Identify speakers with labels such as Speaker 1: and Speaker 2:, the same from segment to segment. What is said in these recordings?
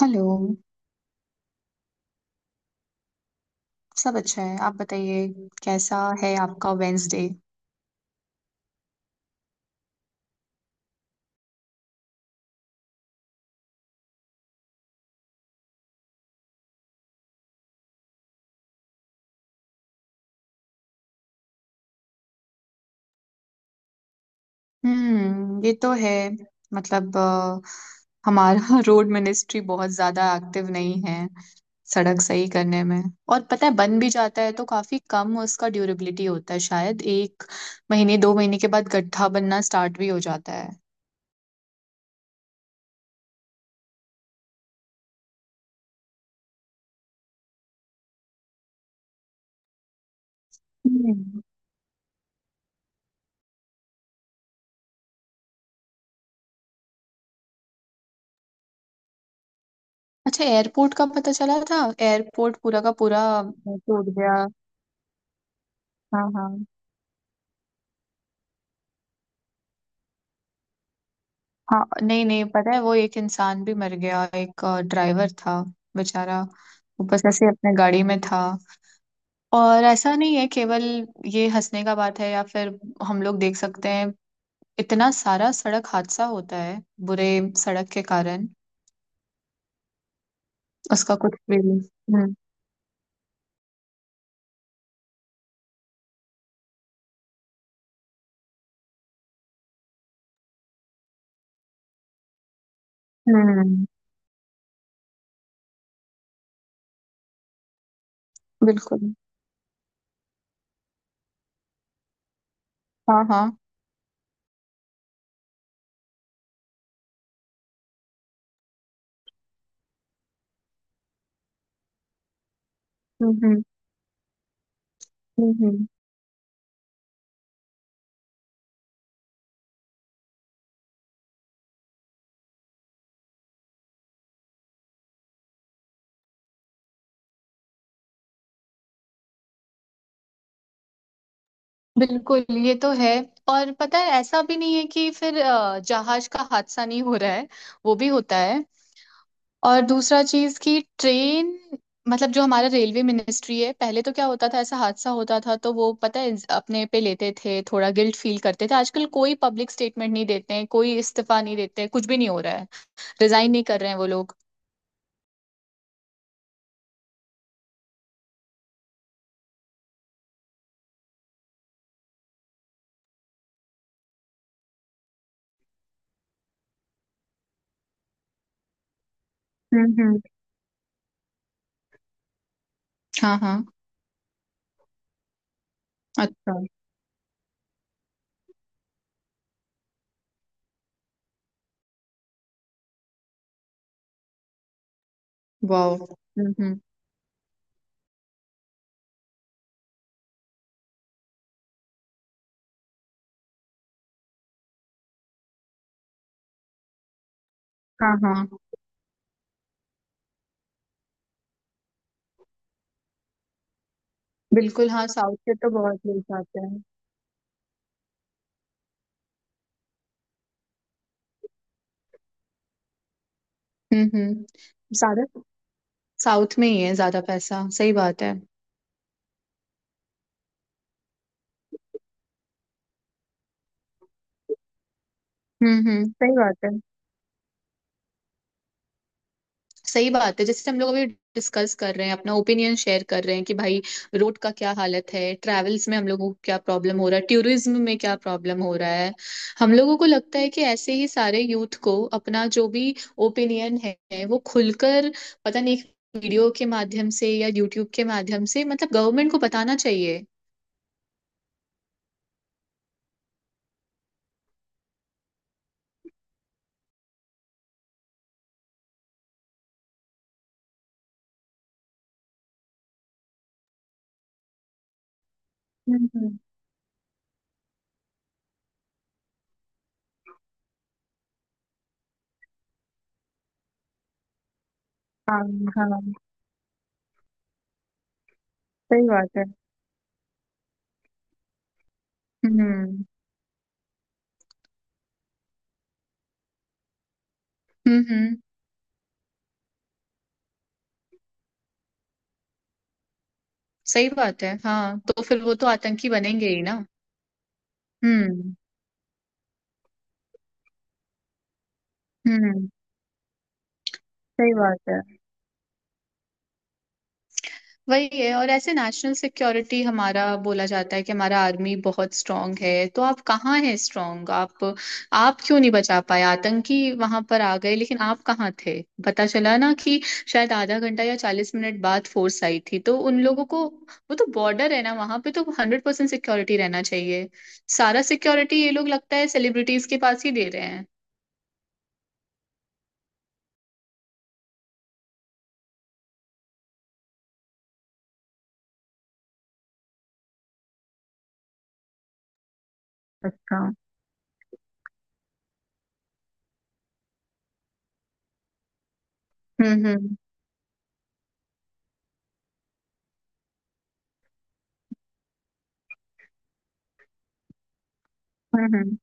Speaker 1: Hello. सब अच्छा है, आप बताइए। कैसा है आपका वेंसडे? हम्म, ये तो है। मतलब हमारा रोड मिनिस्ट्री बहुत ज्यादा एक्टिव नहीं है सड़क सही करने में। और पता है बन भी जाता है तो काफी कम उसका ड्यूरेबिलिटी होता है, शायद एक महीने दो महीने के बाद गड्ढा बनना स्टार्ट भी हो जाता है। हम्म। अच्छा, एयरपोर्ट का पता चला था? एयरपोर्ट पूरा का पूरा टूट गया। हाँ हाँ। हाँ, नहीं नहीं, पता है वो एक इंसान भी मर गया, एक ड्राइवर था बेचारा, वो बस ऐसे ही अपने गाड़ी में था। और ऐसा नहीं है, केवल ये हंसने का बात है या फिर हम लोग देख सकते हैं इतना सारा सड़क हादसा होता है बुरे सड़क के कारण। उसका कुछ भी नहीं। हम्म हम्म। बिल्कुल। हाँ हाँ। हम्म। हम्म हम्म। बिल्कुल, ये तो है। और पता है ऐसा भी नहीं है कि फिर जहाज का हादसा नहीं हो रहा है, वो भी होता है। और दूसरा चीज कि ट्रेन, मतलब जो हमारा रेलवे मिनिस्ट्री है, पहले तो क्या होता था ऐसा हादसा होता था तो वो पता है अपने पे लेते थे, थोड़ा गिल्ट फील करते थे। आजकल कोई पब्लिक स्टेटमेंट नहीं देते हैं, कोई इस्तीफा नहीं देते हैं, कुछ भी नहीं हो रहा है, रिजाइन नहीं कर रहे हैं वो लोग। हम्म। हाँ हाँ। अच्छा। वाह। हम्म। हाँ हाँ। बिल्कुल हाँ, साउथ के तो बहुत लोग जाते हैं। हम्म। ज्यादा, साउथ में ही है ज्यादा पैसा, सही बात है। हम्म, सही बात है। सही बात है, जैसे हम लोग अभी डिस्कस कर रहे हैं, अपना ओपिनियन शेयर कर रहे हैं कि भाई रोड का क्या हालत है, ट्रैवल्स में हम लोगों को क्या प्रॉब्लम हो रहा है, टूरिज्म में क्या प्रॉब्लम हो रहा है। हम लोगों को लगता है कि ऐसे ही सारे यूथ को अपना जो भी ओपिनियन है वो खुलकर, पता नहीं, एक वीडियो के माध्यम से या यूट्यूब के माध्यम से, मतलब गवर्नमेंट को बताना चाहिए। हम्म। हाँ हाँ, सही बात है। हम्म हम्म। सही बात है। हाँ, तो फिर वो तो आतंकी बनेंगे ही ना। हम्म हम्म। सही बात है। वही है, और ऐसे नेशनल सिक्योरिटी हमारा, बोला जाता है कि हमारा आर्मी बहुत स्ट्रांग है, तो आप कहाँ हैं स्ट्रांग? आप क्यों नहीं बचा पाए? आतंकी वहां पर आ गए लेकिन आप कहाँ थे? पता चला ना कि शायद आधा घंटा या 40 मिनट बाद फोर्स आई थी, तो उन लोगों को, वो तो बॉर्डर है ना वहां पे, तो 100% सिक्योरिटी रहना चाहिए। सारा सिक्योरिटी ये लोग लगता है सेलिब्रिटीज के पास ही दे रहे हैं। अच्छा। हम्म। हम्म हम्म।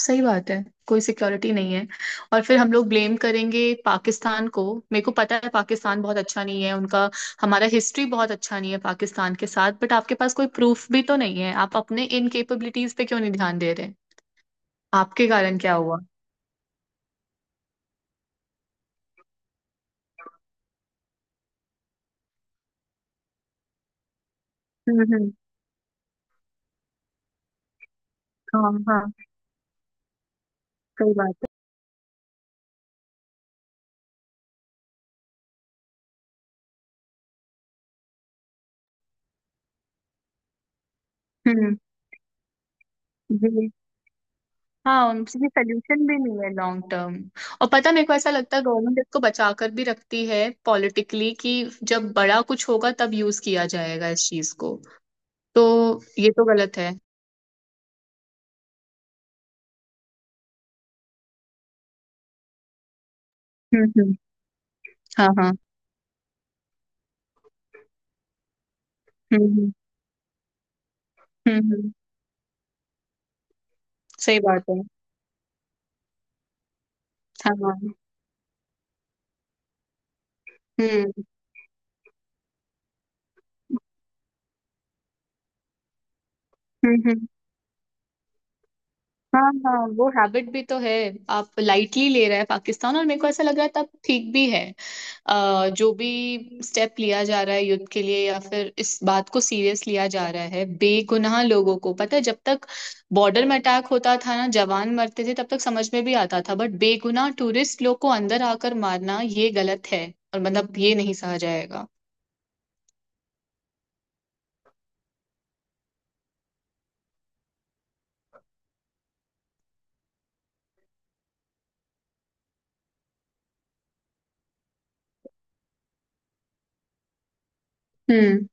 Speaker 1: सही बात है, कोई सिक्योरिटी नहीं है। और फिर हम लोग ब्लेम करेंगे पाकिस्तान को। मेरे को पता है पाकिस्तान बहुत अच्छा नहीं है उनका, हमारा हिस्ट्री बहुत अच्छा नहीं है पाकिस्तान के साथ, बट आपके पास कोई प्रूफ भी तो नहीं है, आप अपने इनकेपेबिलिटीज पे क्यों नहीं ध्यान दे रहे? आपके कारण क्या हुआ? हम्म। हाँ हाँ, सही बात है। हम्म। जी। हाँ, उनकी सोल्यूशन भी नहीं है लॉन्ग टर्म। और पता है, मेरे को ऐसा लगता है गवर्नमेंट इसको बचा कर भी रखती है पॉलिटिकली कि जब बड़ा कुछ होगा तब यूज किया जाएगा इस चीज को। तो ये तो गलत है। हम्म। हाँ हाँ। हम्म। हम्म हम्म, सही बात है। हाँ हाँ। हम्म हम्म। हम्म। हाँ हाँ, वो हैबिट भी तो है। आप लाइटली ले रहे हैं पाकिस्तान, और मेरे को ऐसा लग रहा है तब ठीक भी है। जो भी स्टेप लिया जा रहा है युद्ध के लिए या फिर इस बात को सीरियस लिया जा रहा है, बेगुनाह लोगों को पता है जब तक बॉर्डर में अटैक होता था ना जवान मरते थे तब तक समझ में भी आता था, बट बेगुनाह टूरिस्ट लोग को अंदर आकर मारना ये गलत है और मतलब ये नहीं सहा जाएगा। हुँ,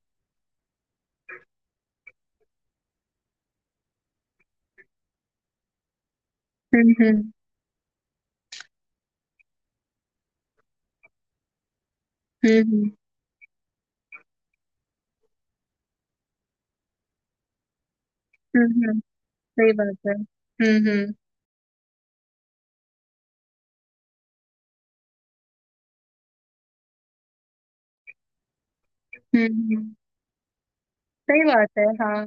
Speaker 1: हुँ, हुँ, हुँ, हुँ, हुँ, हुँ, सही बात है। हुँ, हुँ, हुँ, हुँ, सही बात है, हाँ।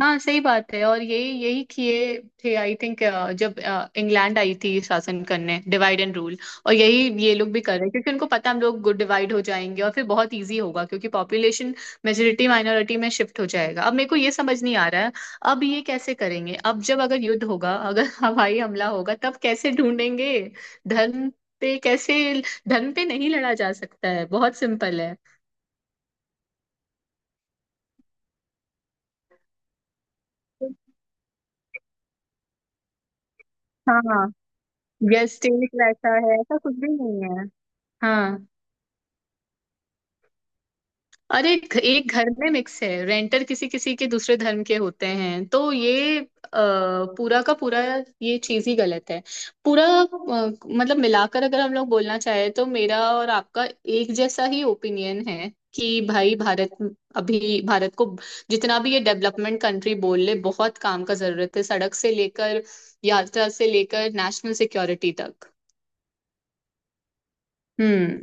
Speaker 1: हाँ, सही बात है। और यही यही किए थे आई थिंक, जब इंग्लैंड आई थी शासन करने, डिवाइड एंड रूल। और यही ये लोग भी कर रहे हैं क्योंकि उनको पता है हम लोग डिवाइड हो जाएंगे और फिर बहुत इजी होगा, क्योंकि पॉपुलेशन मेजोरिटी माइनॉरिटी में शिफ्ट हो जाएगा। अब मेरे को ये समझ नहीं आ रहा है अब ये कैसे करेंगे, अब जब अगर युद्ध होगा, अगर हवाई हमला होगा तब कैसे ढूंढेंगे धर्म पे? कैसे धर्म पे नहीं लड़ा जा सकता है, बहुत सिंपल है। हाँ, यस, टेक वैसा है, ऐसा कुछ भी नहीं है। हाँ। अरे, एक एक घर में मिक्स है, रेंटर किसी किसी के दूसरे धर्म के होते हैं, तो ये पूरा का पूरा, ये चीज ही गलत है पूरा। मतलब मिलाकर अगर हम लोग बोलना चाहें तो मेरा और आपका एक जैसा ही ओपिनियन है कि भाई भारत, अभी भारत को जितना भी ये डेवलपमेंट कंट्री बोल ले, बहुत काम का जरूरत है, सड़क से लेकर यात्रा से लेकर नेशनल सिक्योरिटी तक। हम्म।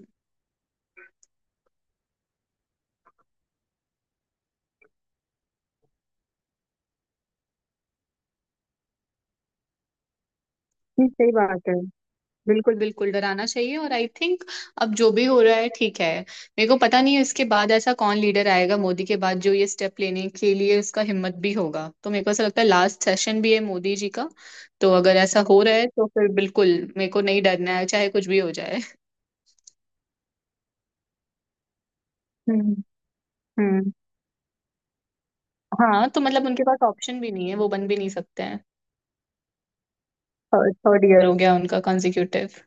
Speaker 1: जी, सही बात है। बिल्कुल बिल्कुल डराना चाहिए, और आई थिंक अब जो भी हो रहा है ठीक है। मेरे को पता नहीं है इसके बाद ऐसा कौन लीडर आएगा मोदी के बाद जो ये स्टेप लेने के लिए उसका हिम्मत भी होगा, तो मेरे को ऐसा लगता है लास्ट सेशन भी है मोदी जी का। तो अगर ऐसा हो रहा है तो फिर बिल्कुल मेरे को नहीं डरना है, चाहे कुछ भी हो जाए। हम्म हम्म। हाँ, तो मतलब उनके पास ऑप्शन भी नहीं है, वो बन भी नहीं सकते हैं, थर्ड ईयर हो गया उनका कंजिक्यूटिव।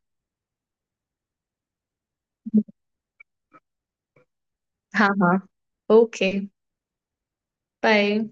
Speaker 1: हाँ हाँ। Okay, bye.